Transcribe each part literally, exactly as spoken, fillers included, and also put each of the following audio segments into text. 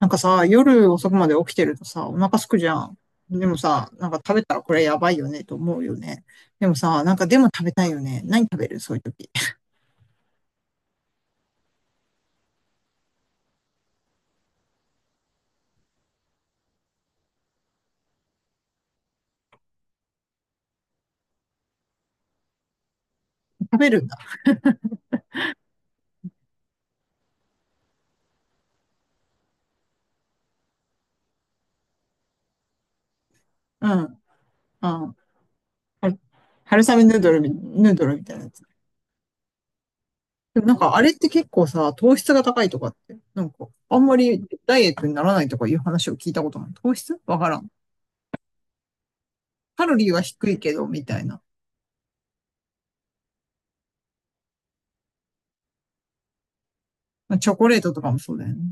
なんかさ、夜遅くまで起きてるとさ、お腹空くじゃん。でもさ、なんか食べたらこれやばいよねと思うよね。でもさ、なんかでも食べたいよね。何食べるそういう時。食べるんだ。うん。うん。は春雨ヌードルみ、ヌードルみたいなやつ。でもなんかあれって結構さ、糖質が高いとかって、なんかあんまりダイエットにならないとかいう話を聞いたことない？糖質わからん。カロリーは低いけど、みたいな。まあチョコレートとかもそうだよね。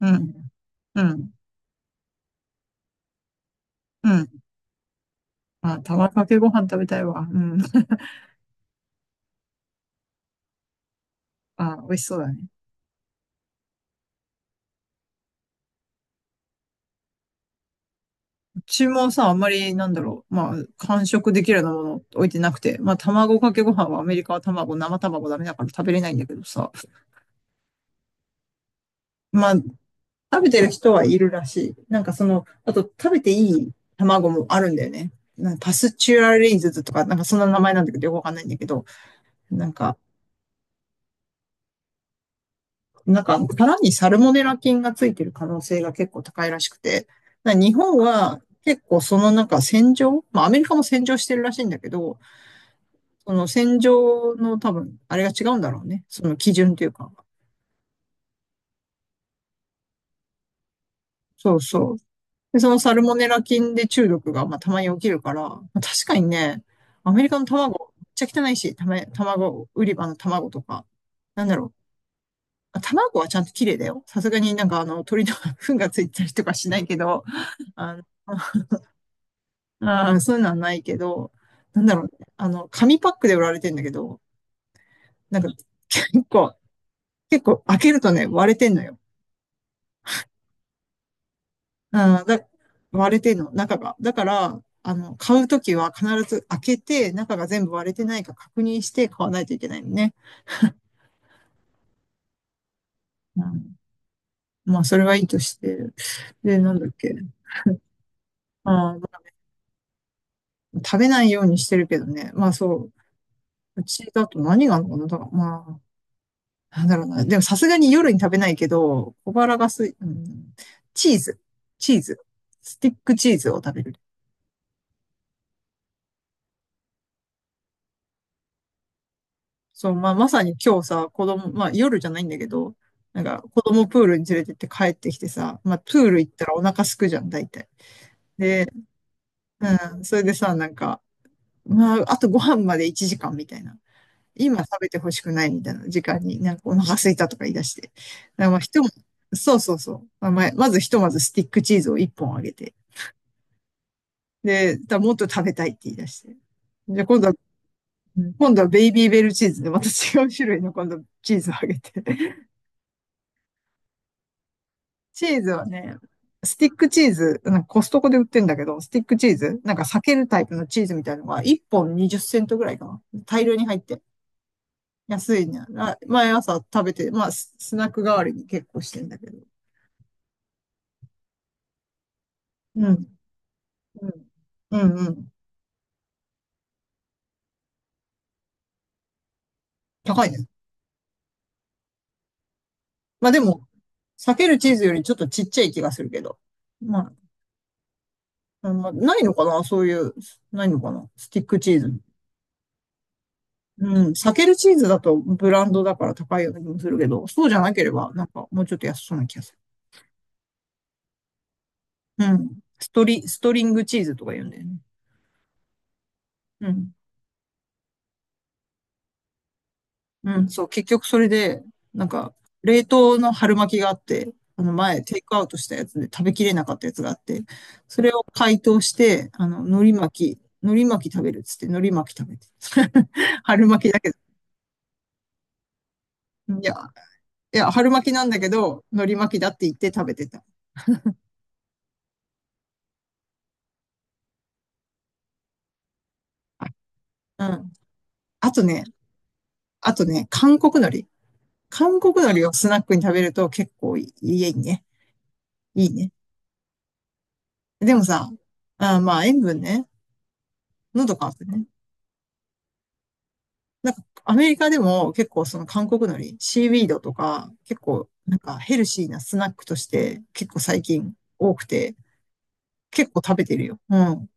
うん。うん。うん。まあ、卵かけご飯食べたいわ。うん。あ、美味しそうだね。うちもさ、あんまり、なんだろう。まあ、完食できるようなもの置いてなくて。まあ、卵かけご飯はアメリカは卵、生卵ダメだから食べれないんだけどさ。まあ、食べてる人はいるらしい。なんかその、あと食べていい卵もあるんだよね。なんかパスチュアリーズズとか、なんかそんな名前なんだけど、よくわかんないんだけど、なんか、なんか、殻にサルモネラ菌がついてる可能性が結構高いらしくて、な日本は結構そのなんか洗浄、まあアメリカも洗浄してるらしいんだけど、その戦場の多分、あれが違うんだろうね。その基準というか。そうそう。で、そのサルモネラ菌で中毒が、まあ、たまに起きるから、まあ、確かにね、アメリカの卵、めっちゃ汚いし、たま、卵、売り場の卵とか、なんだろう。まあ卵はちゃんと綺麗だよ。さすがになんかあの鳥の 糞がついたりとかしないけど、あの、あそういうのはないけど、なんだろうね。あの、紙パックで売られてんだけど、なんか結構、結構開けるとね、割れてんのよ。うん、だ、割れてんの、中が。だから、あの、買うときは必ず開けて、中が全部割れてないか確認して買わないといけないのね。うん、まあ、それはいいとして。で、なんだっけ。あー、食べないようにしてるけどね。まあ、そう。うちだと何があるのかなだから、まあ、なんだろうな。でもさすがに夜に食べないけど、小腹がすい、うん、チーズ。チーズ。スティックチーズを食べる。そう、まあ、まさに今日さ、子供、まあ、夜じゃないんだけど、なんか、子供プールに連れてって帰ってきてさ、まあ、プール行ったらお腹すくじゃん、大体。で、うん、それでさ、なんか、まあ、あとご飯までいちじかんみたいな。今食べてほしくないみたいな時間に、なんかお腹すいたとか言い出して。だからまあ、ひとま、そうそうそう。まあ、まあまずひとまずスティックチーズをいっぽんあげて。で、だもっと食べたいって言い出して。じゃあ今度は、今度はベイビーベルチーズで、また違う種類の今度チーズをあげて。チーズはね、スティックチーズ、なんかコストコで売ってんだけど、スティックチーズ、なんか裂けるタイプのチーズみたいなのがいっぽんにじゅっセントセントぐらいかな。大量に入って。安いね。あ毎朝食べて、まあ、ススナック代わりに結構してんだけど。うん。うん。うんうん。高いね。まあでも、裂けるチーズよりちょっとちっちゃい気がするけど。まあ、うんまあ、ないのかなそういう、ないのかなスティックチーズ。うん、避けるチーズだとブランドだから高いような気もするけど、そうじゃなければ、なんかもうちょっと安そうな気がする。うん。ストリ、ストリングチーズとか言うんだよね。うん。うん、そう、結局それで、なんか、冷凍の春巻きがあって、あの前、テイクアウトしたやつで食べきれなかったやつがあって、それを解凍して、あの、海苔巻き、海苔巻き食べるっつって、海苔巻き食べて。春巻きだけど。いや、いや、春巻きなんだけど、海苔巻きだって言って食べてた。あうん。あとね、あとね、韓国海苔。韓国海苔をスナックに食べると結構いいね。いいね。でもさ、あーまあ塩分ね、喉乾くね。なんかアメリカでも結構その韓国海苔、シーウィードとか結構なんかヘルシーなスナックとして結構最近多くて結構食べてるよ。うん。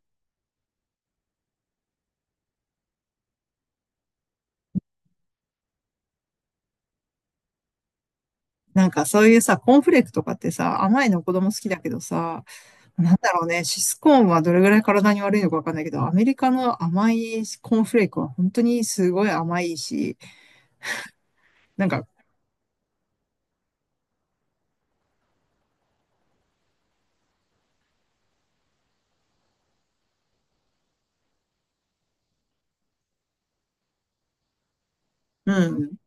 なんかそういうさ、コーンフレークとかってさ、甘いの子供好きだけどさ、なんだろうね、シスコーンはどれぐらい体に悪いのかわかんないけど、アメリカの甘いコーンフレークは本当にすごい甘いし、なんか、うん、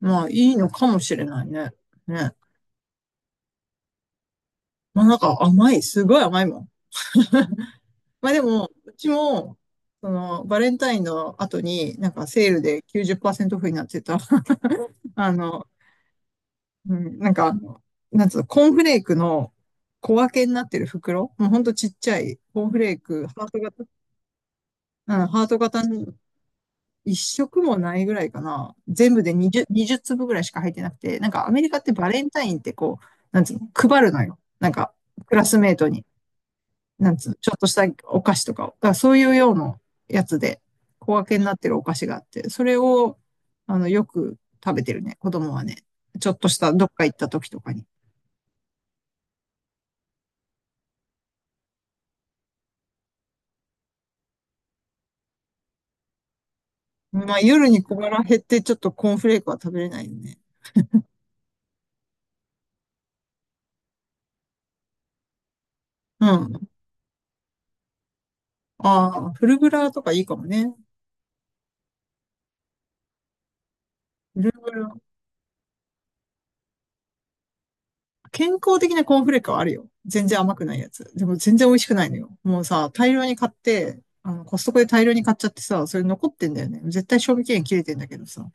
まあいいのかもしれないね。ね。まあなんか甘い、すごい甘いもん。まあでも、うちも、その、バレンタインの後に、なんかセールできゅうじゅうパーセントオフになってた、あの、うん、なんかあの、なんつうの、コーンフレークの小分けになってる袋、もうほんとちっちゃい、コーンフレーク、ハート型、うん、ハート型一食もないぐらいかな。全部でにじゅう、にじゅうつぶ粒ぐらいしか入ってなくて、なんかアメリカってバレンタインってこう、なんつうの、配るのよ。なんか、クラスメートに、なんつうの、ちょっとしたお菓子とかを。だからそういうようなやつで、小分けになってるお菓子があって、それを、あの、よく食べてるね、子供はね。ちょっとしたどっか行った時とかに。まあ、夜に小腹減って、ちょっとコーンフレークは食べれないよね。うん。ああ、フルグラとかいいかもね。フルグラ。健康的なコーンフレークはあるよ。全然甘くないやつ。でも全然美味しくないのよ。もうさ、大量に買って、あの、コストコで大量に買っちゃってさ、それ残ってんだよね。絶対賞味期限切れてんだけどさ。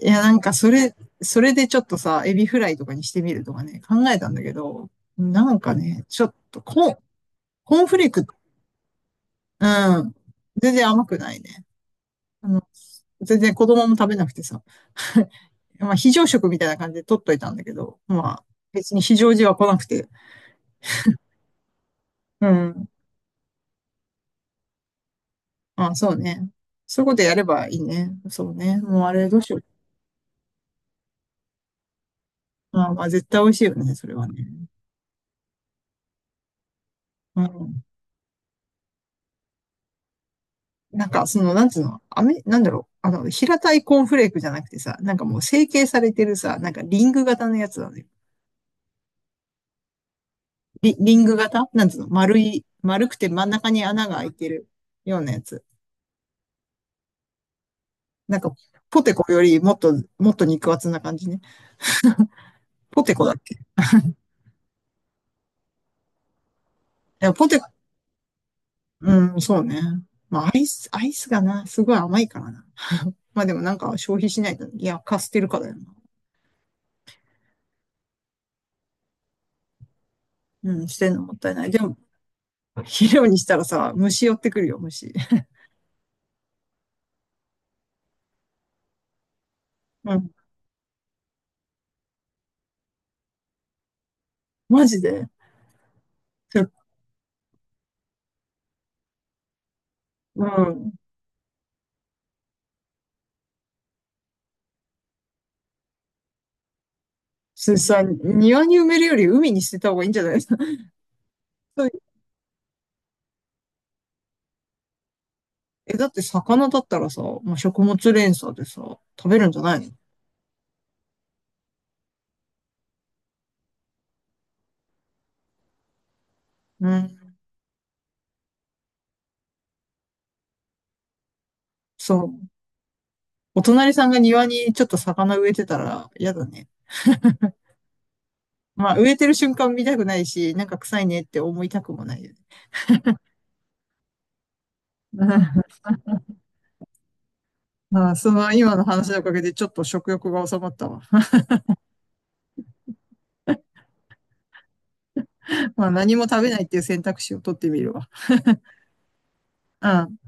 いや、なんかそれ、それでちょっとさ、エビフライとかにしてみるとかね、考えたんだけど、なんかね、ちょっと、コーン、コーンフレーク、うん、全然甘くないね。あの、全然子供も食べなくてさ。まあ、非常食みたいな感じで取っといたんだけど、まあ、別に非常時は来なくて、うん、あ、そうね。そういうことやればいいね。そうね。もうあれどうしよう。まあ、まあ絶対美味しいよね、それはね。うん。なんか、その、なんつうの、あめ、なんだろう。あの、平たいコーンフレークじゃなくてさ、なんかもう成形されてるさ、なんかリング型のやつだね。リ、リング型なんつうの丸い、丸くて真ん中に穴が開いてるようなやつ。なんか、ポテコよりもっと、もっと肉厚な感じね。ポテコだっけいや、ポテコ、うん、そうね。まあ、アイス、アイスがな、すごい甘いからな。まあでもなんか消費しないと、いや、貸捨てるからよな。うん、捨てるのもったいない。でも、肥料にしたらさ、虫寄ってくるよ、虫。うん、マジで。うん。それさ、庭に埋めるより海に捨てた方がいいんじゃないですか？え、だって魚だったらさ、まあ、食物連鎖でさ、食べるんじゃないの？うん。そう。お隣さんが庭にちょっと魚植えてたら嫌だね。まあ、植えてる瞬間見たくないし、なんか臭いねって思いたくもないよね。まあ、その今の話のおかげでちょっと食欲が収まったわ。まあ何も食べないっていう選択肢を取ってみるわ。うん。